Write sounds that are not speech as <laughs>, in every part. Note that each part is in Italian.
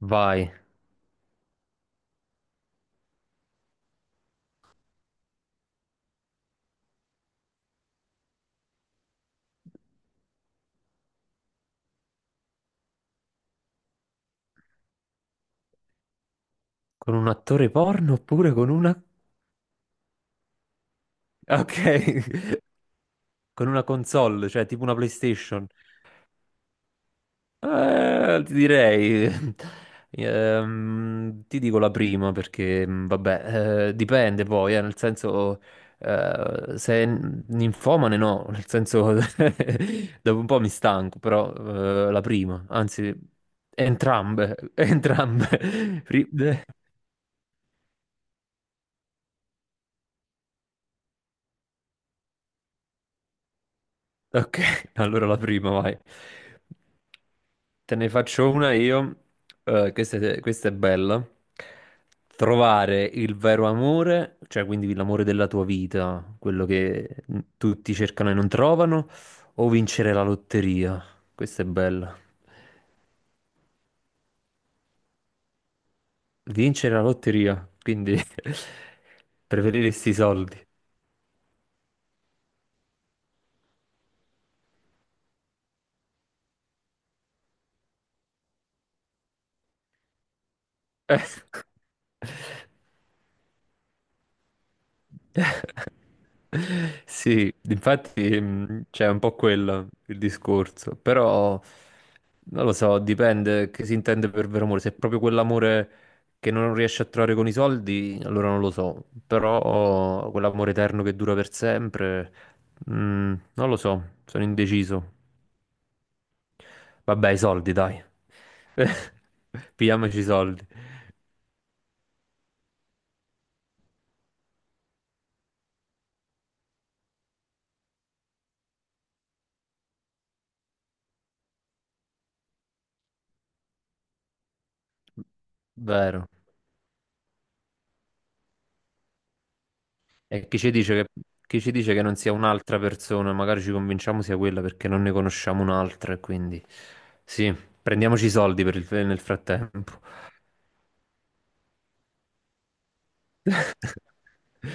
Vai, con un attore porno oppure con una. Ok, <laughs> con una console, cioè tipo una PlayStation. Eh, ti direi... <laughs> ti dico la prima perché, vabbè, dipende poi, nel senso. Se è ninfomane no, nel senso. <laughs> Dopo un po' mi stanco, però la prima, anzi, entrambe, <laughs> entrambe. Ok, <laughs> allora la prima, vai. Te ne faccio una io. Questa è bella. Trovare il vero amore, cioè quindi l'amore della tua vita, quello che tutti cercano e non trovano, o vincere la lotteria. Questa è bella. Vincere la lotteria, quindi <laughs> preferiresti i soldi. <laughs> Eh. <laughs> Sì, infatti c'è un po' quello il discorso, però non lo so, dipende che si intende per vero amore. Se è proprio quell'amore che non riesci a trovare con i soldi, allora non lo so, però quell'amore eterno che dura per sempre, mh, non lo so, sono indeciso. Vabbè, i soldi, dai. <laughs> Pigliamoci i soldi. Vero. E chi ci dice che non sia un'altra persona? Magari ci convinciamo sia quella perché non ne conosciamo un'altra. E quindi sì, prendiamoci i soldi nel frattempo. <laughs>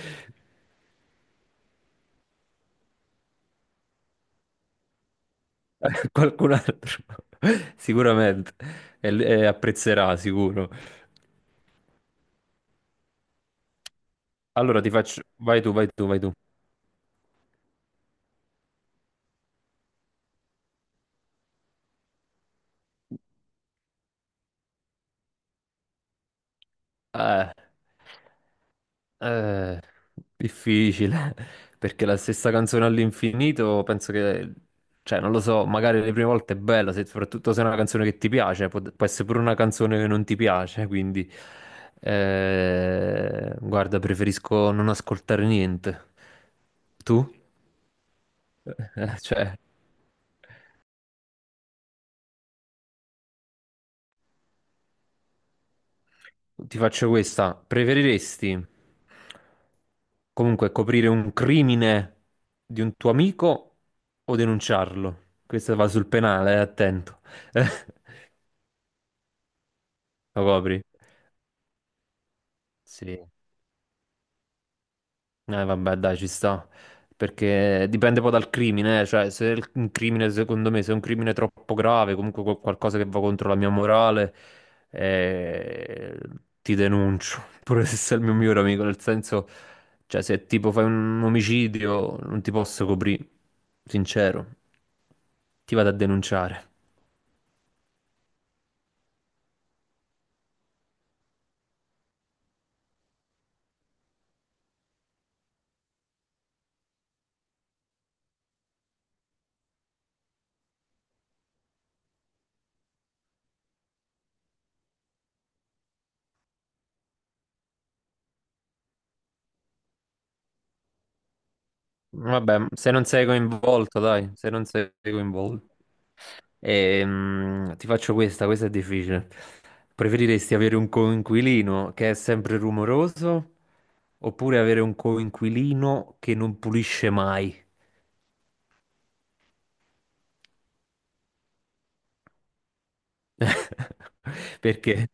Qualcun altro <laughs> sicuramente e, e apprezzerà, sicuro. Allora ti faccio. Vai tu, vai tu, vai tu. Eh, Eh, difficile, <laughs> perché la stessa canzone all'infinito, penso che, cioè, non lo so, magari le prime volte è bella, soprattutto se è una canzone che ti piace, può essere pure una canzone che non ti piace, <laughs> quindi, guarda, preferisco non ascoltare niente. Tu? <laughs> Cioè... Ti faccio questa. Preferiresti comunque coprire un crimine di un tuo amico o denunciarlo? Questa va sul penale, attento. <laughs> Lo copri? Sì. Vabbè, dai, ci sta. Perché dipende poi dal crimine, eh. Cioè se un crimine, secondo me, se è un crimine troppo grave, comunque qualcosa che va contro la mia morale, eh, ti denuncio, <laughs> pure se sei il mio migliore amico, nel senso, cioè se tipo fai un omicidio, non ti posso coprire, sincero, ti vado a denunciare. Vabbè, se non sei coinvolto, dai, se non sei coinvolto. Ti faccio questa, questa è difficile. Preferiresti avere un coinquilino che è sempre rumoroso oppure avere un coinquilino che non pulisce mai? <laughs> Perché?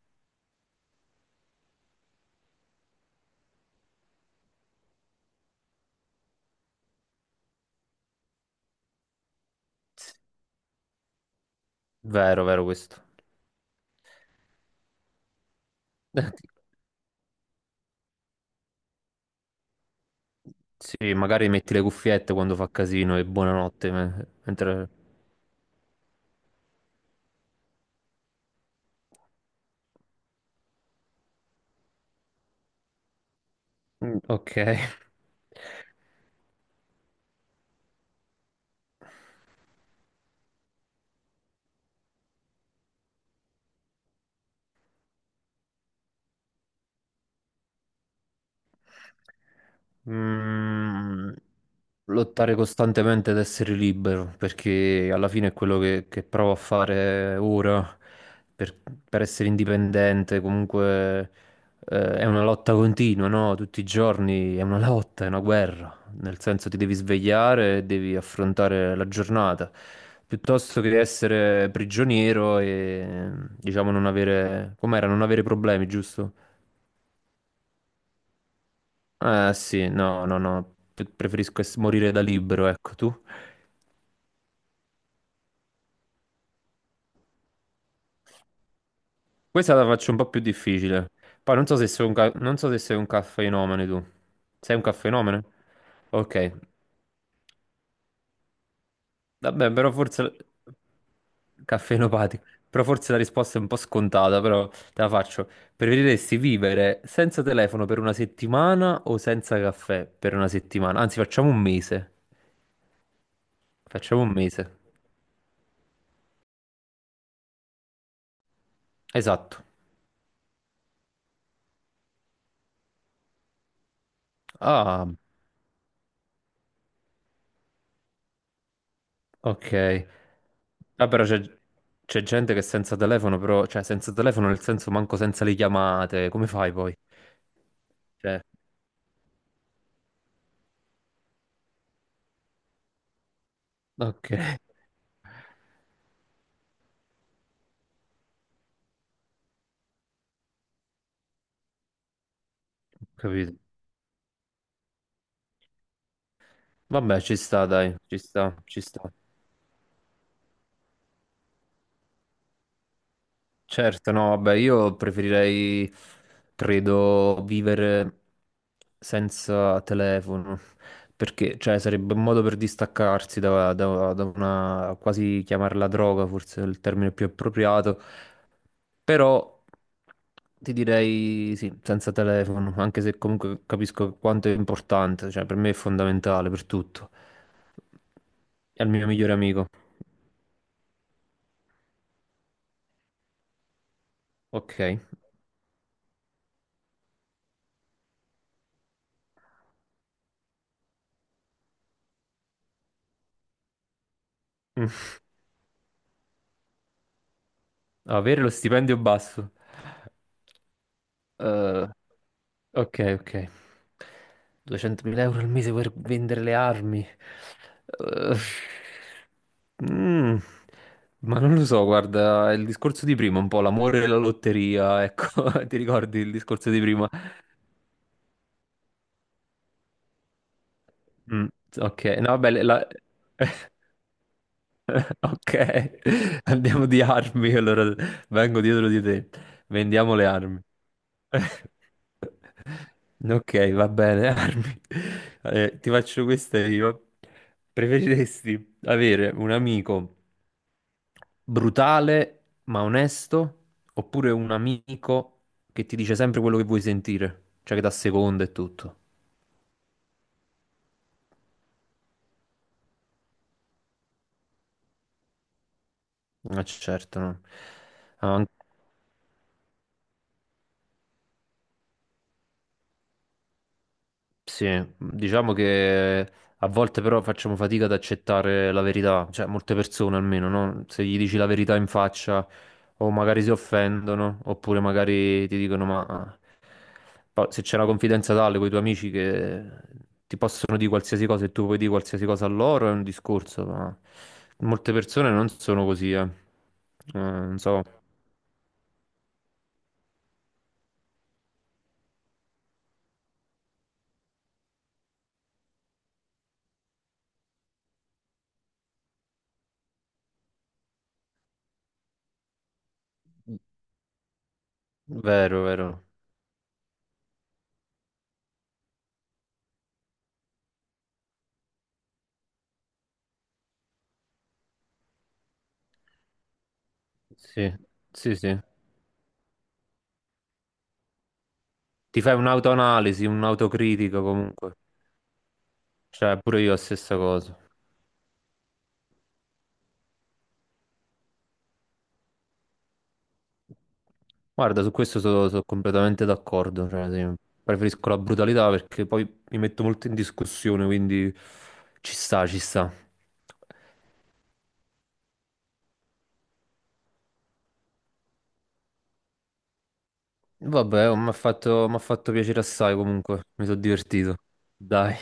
Vero, vero questo. Eh, Sì, magari metti le cuffiette quando fa casino e buonanotte. Mentre. Ok. Mm, lottare costantemente ad essere libero, perché alla fine è quello che provo a fare ora per, per essere indipendente. Comunque, è una lotta continua, no? Tutti i giorni è una lotta, è una guerra. Nel senso, ti devi svegliare e devi affrontare la giornata. Piuttosto che essere prigioniero e diciamo non avere, com'era, non avere problemi, giusto? Eh sì, no, no, no, preferisco morire da libero, ecco tu. Questa la faccio un po' più difficile. Poi non so se sei un caffeinomane tu. Sei un caffeinomane? Ok, vabbè, però forse. Caffeinopatico. Però forse la risposta è un po' scontata, però te la faccio. Preferiresti vivere senza telefono per una settimana o senza caffè per una settimana? Anzi, facciamo un mese. Facciamo un mese. Esatto. Ah. Ok. Ah, però c'è gente che è senza telefono, però, cioè senza telefono nel senso manco senza le chiamate, come fai poi? Cioè, ok, <laughs> ho capito. Vabbè, ci sta, dai, ci sta, ci sta. Certo, no, vabbè, io preferirei, credo, vivere senza telefono, perché, cioè, sarebbe un modo per distaccarsi da una, quasi chiamarla droga, forse è il termine più appropriato, però ti direi sì, senza telefono, anche se comunque capisco quanto è importante, cioè, per me è fondamentale per tutto, è il mio migliore amico, ok? <laughs> Mm. Avere lo stipendio basso. Eh, ok, ok. 200.000 euro al mese per vendere le armi. Eh, mm, ma non lo so, guarda, è il discorso di prima, un po' l'amore e la lotteria, ecco, <laughs> ti ricordi il discorso di prima? Mm, ok, no, vabbè, <laughs> ok, <laughs> andiamo di armi, allora vengo dietro di te, vendiamo le armi. <laughs> Ok, va bene, <laughs> Armi. Ti faccio questa io. Preferiresti avere un amico brutale ma onesto oppure un amico che ti dice sempre quello che vuoi sentire, cioè che dà seconda e tutto? Ma certo, no. Sì, diciamo che a volte però facciamo fatica ad accettare la verità, cioè molte persone almeno, no? Se gli dici la verità in faccia o magari si offendono, oppure magari ti dicono ma se c'è una confidenza tale con i tuoi amici che ti possono dire qualsiasi cosa e tu puoi dire qualsiasi cosa a loro è un discorso, ma molte persone non sono così, eh. Non so, vero, vero. Sì, sì, sì. Ti fai un'autoanalisi, un'autocritica comunque. Cioè, pure io la stessa cosa. Guarda, su questo sono completamente d'accordo. Cioè, sì, preferisco la brutalità perché poi mi metto molto in discussione, quindi ci sta, ci sta. Vabbè, m'ha fatto piacere assai comunque, mi sono divertito. Dai.